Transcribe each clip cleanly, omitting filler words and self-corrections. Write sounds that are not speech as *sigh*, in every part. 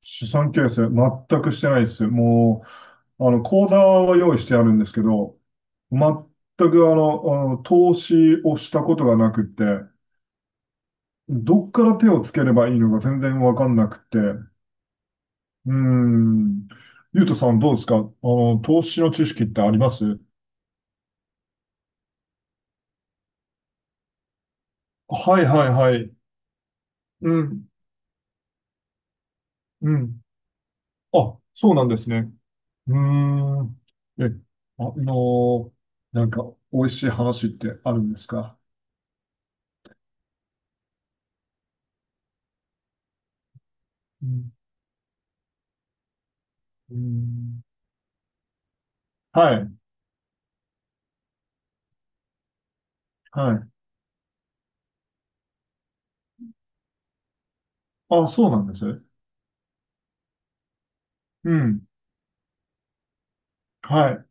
資産形成、全くしてないです。もう、口座は用意してあるんですけど、全くあの投資をしたことがなくて、どっから手をつければいいのか全然わかんなくて、ーん。ゆうとさんどうですか。投資の知識ってありますはいはいはい。うん、うん。あ、そうなんですね。うーん。え、あのーなんか、美味しい話ってあるんですか？うんうん、はい、はい。あ、そうなんです。うん、はい。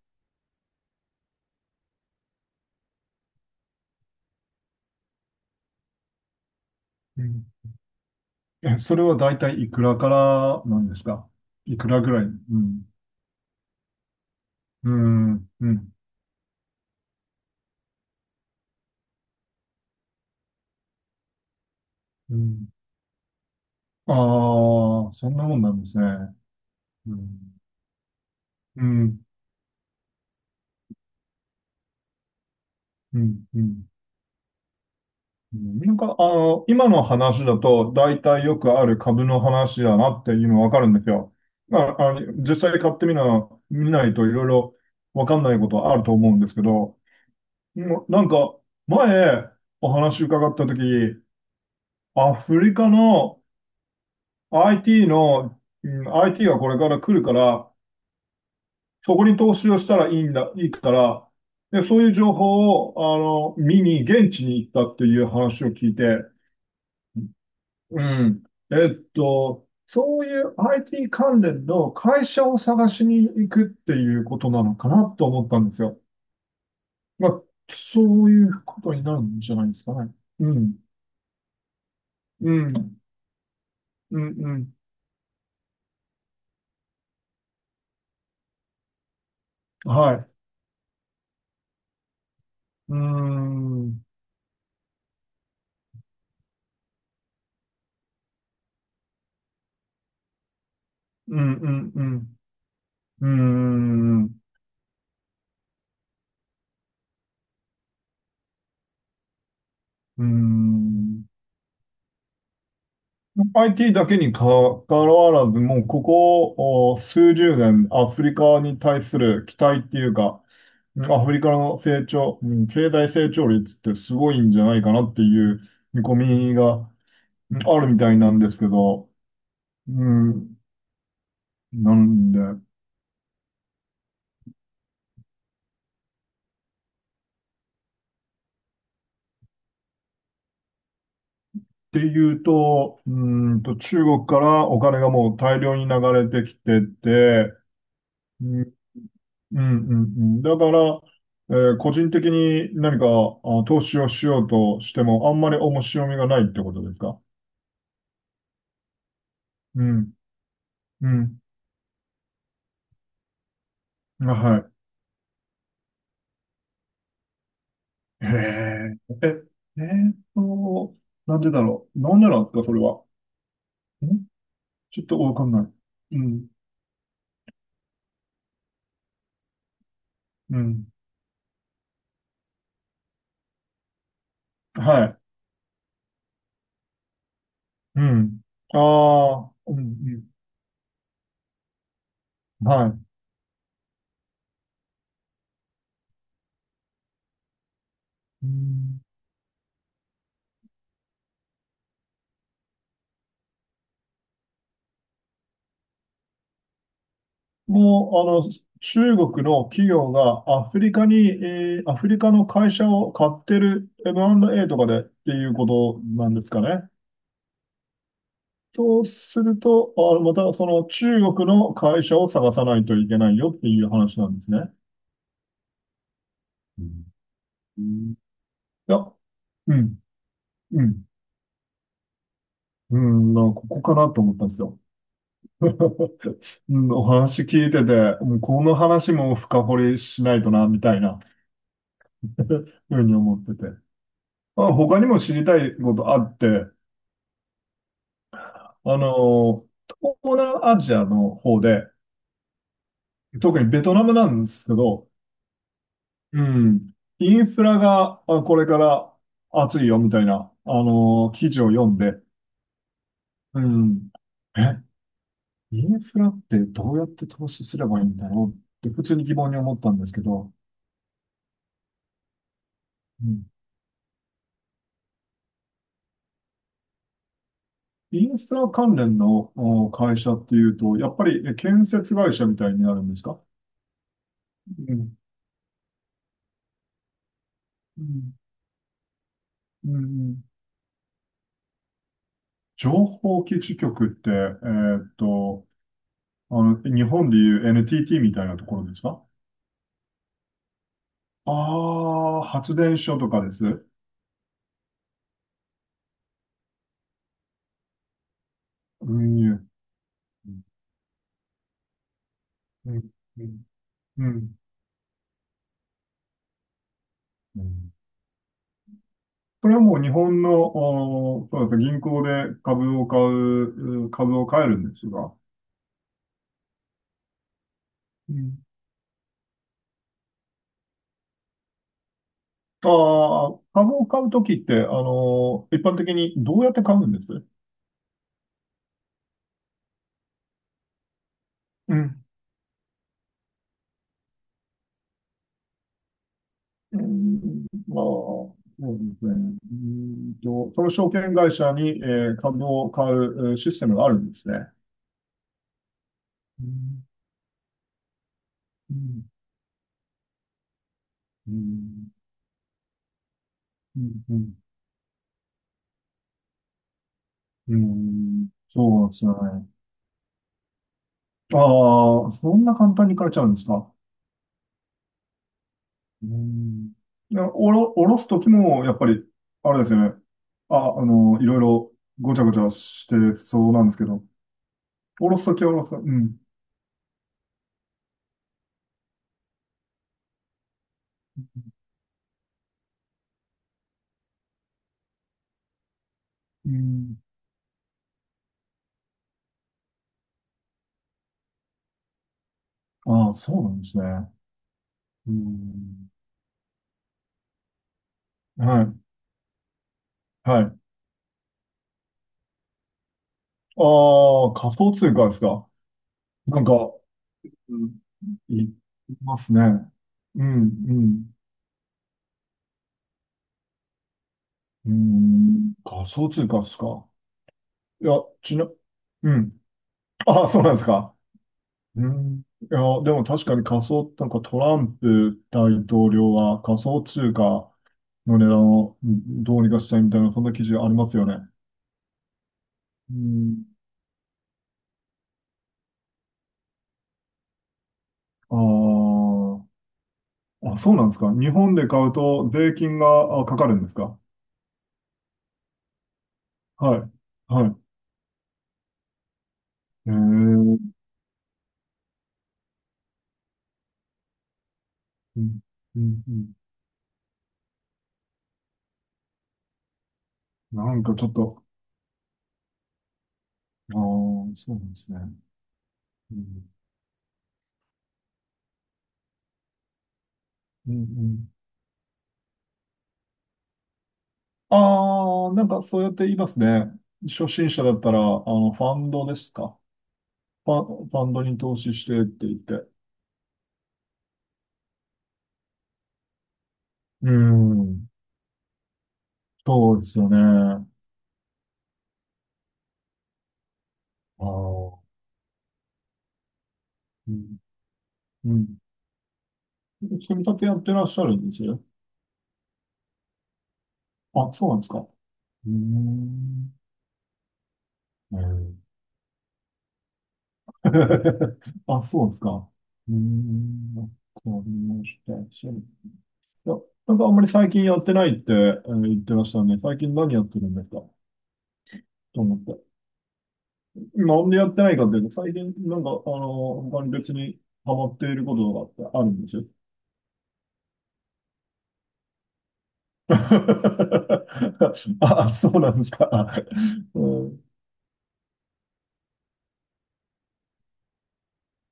うん、え、それは大体いくらからなんですか？いくらぐらい？うん、うん、うん、うん。ああ、そんなもんなんですね。うん、うん、うん、うん。うん、今の話だと、大体よくある株の話だなっていうのわかるんですよ。まあ、実際買ってみな、見ないといろいろわかんないことはあると思うんですけど、もうなんか、前、お話伺ったとき、アフリカの IT の、うん、IT がこれから来るから、そこに投資をしたらいいんだ、いいから、で、そういう情報を、見に、現地に行ったっていう話を聞いて、うん。えっと、そういう IT 関連の会社を探しに行くっていうことなのかなと思ったんですよ。まあ、そういうことになるんじゃないですかね。うん。うん。うんうん。はい。うーん。うんうんうん。うーん。うーん。IT だけにかかわらず、もうここお数十年、アフリカに対する期待っていうか、アフリカの成長、うん、経済成長率ってすごいんじゃないかなっていう見込みが、うん、あるみたいなんですけど、うん、なんで、ていうと、中国からお金がもう大量に流れてきてて、うん、うん、うんだから、個人的に何か投資をしようとしても、あんまり面白みがないってことですか？うん、うん、あはい。へえ、え、えーっと、なんでだろう。なんでなんですか、それは。ん、ちょっとわかんない。うん、うん、はい。うん。ああ、うん、うん、はい。うん、もう、中国の企業がアフリカに、アフリカの会社を買ってる M&A とかでっていうことなんですかね。そうすると、あ、またその中国の会社を探さないといけないよっていう話なんですね。うんうん、いや、うん、うん、うん、なんかここかなと思ったんですよ。*laughs* うん、お話聞いてて、もこの話も深掘りしないとな、みたいな *laughs* ふうに思ってて。まあ、他にも知りたいことあって、あの、東南アジアの方で、特にベトナムなんですけど、うん、インフラがあこれから熱いよみたいな、記事を読んで、うん、え、インフラってどうやって投資すればいいんだろうって普通に疑問に思ったんですけど、うん、インフラ関連のお会社っていうと、やっぱりえ建設会社みたいになるんですか？うん。うん。うん。情報基地局って、日本でいう NTT みたいなところですか？ああー、発電所とかです。運輸。うん。うん。うんうんこれはもう日本の、おーそうですね、銀行で株を買えるんですが、うん、あー株を買うときって、あのー一般的にどうやって買うんですうんうん、まあ、そうですね。うんと、その証券会社に、えー株を買うえーシステムがあるんですね。うん、うん、うん、うん、うん、うんそうなんですよね。ああ、そんな簡単に買えちゃうんですか？うん。いや、おろすときも、やっぱり、あれですよね。あ、いろいろごちゃごちゃしてそうなんですけど、おろすときはおろす。うん。うん。ああ、そうなんですね。うん。はい。はい。ああ、仮想通貨ですか？なんか、うんい、いますね。うん、うん、うん。仮想通貨ですか？いや、ちな、うん。ああ、そうなんですか？うん。いや、でも確かに仮想、なんかトランプ大統領は仮想通貨の値段をうんどうにかしたいみたいな、そんな記事ありますよね。うん。ああ、あ、そうなんですか？日本で買うと税金があかかるんですか？はい。はい。ええうん、うん、うん。なんかちょっと、ああ、そうなんですね。うん、うん、うん。ああ、なんかそうやって言いますね。初心者だったら、ファンドですか。ファンドに投資してって言って。うん、そうですよね。ああ、うん、うん。組み立てやってらっしゃるんですよ。あ、そうなんですか？うーん。うん。 *laughs* あ、そうですか？うーん。わかりました。いや、なんかあんまり最近やってないって、言ってましたね。最近何やってるんですかと思って。なんでやってないかっていうと、最近なんか、他に別にハマっていることとかってあるんですよ。*laughs* あ、そうなんですか？うん、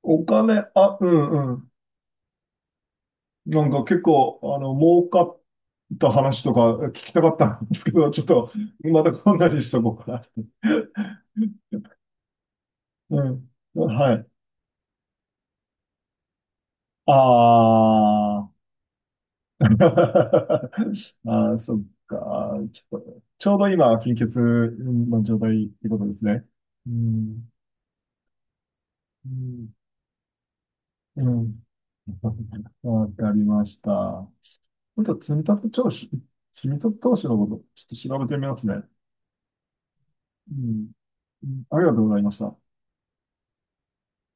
お金、あ、うんうん。なんか結構、儲かった話とか聞きたかったんですけど、ちょっと、またこんなにしとこうかな。うん。はい。ああ。*laughs* ああ、そっか。ちょっと、ちょうど今、貧血の状態ってことですね。うん。うん。うん。わかりました。今度、積み立て投資のこと、ちょっと調べてみますね。うん。うん、ありがとうございました。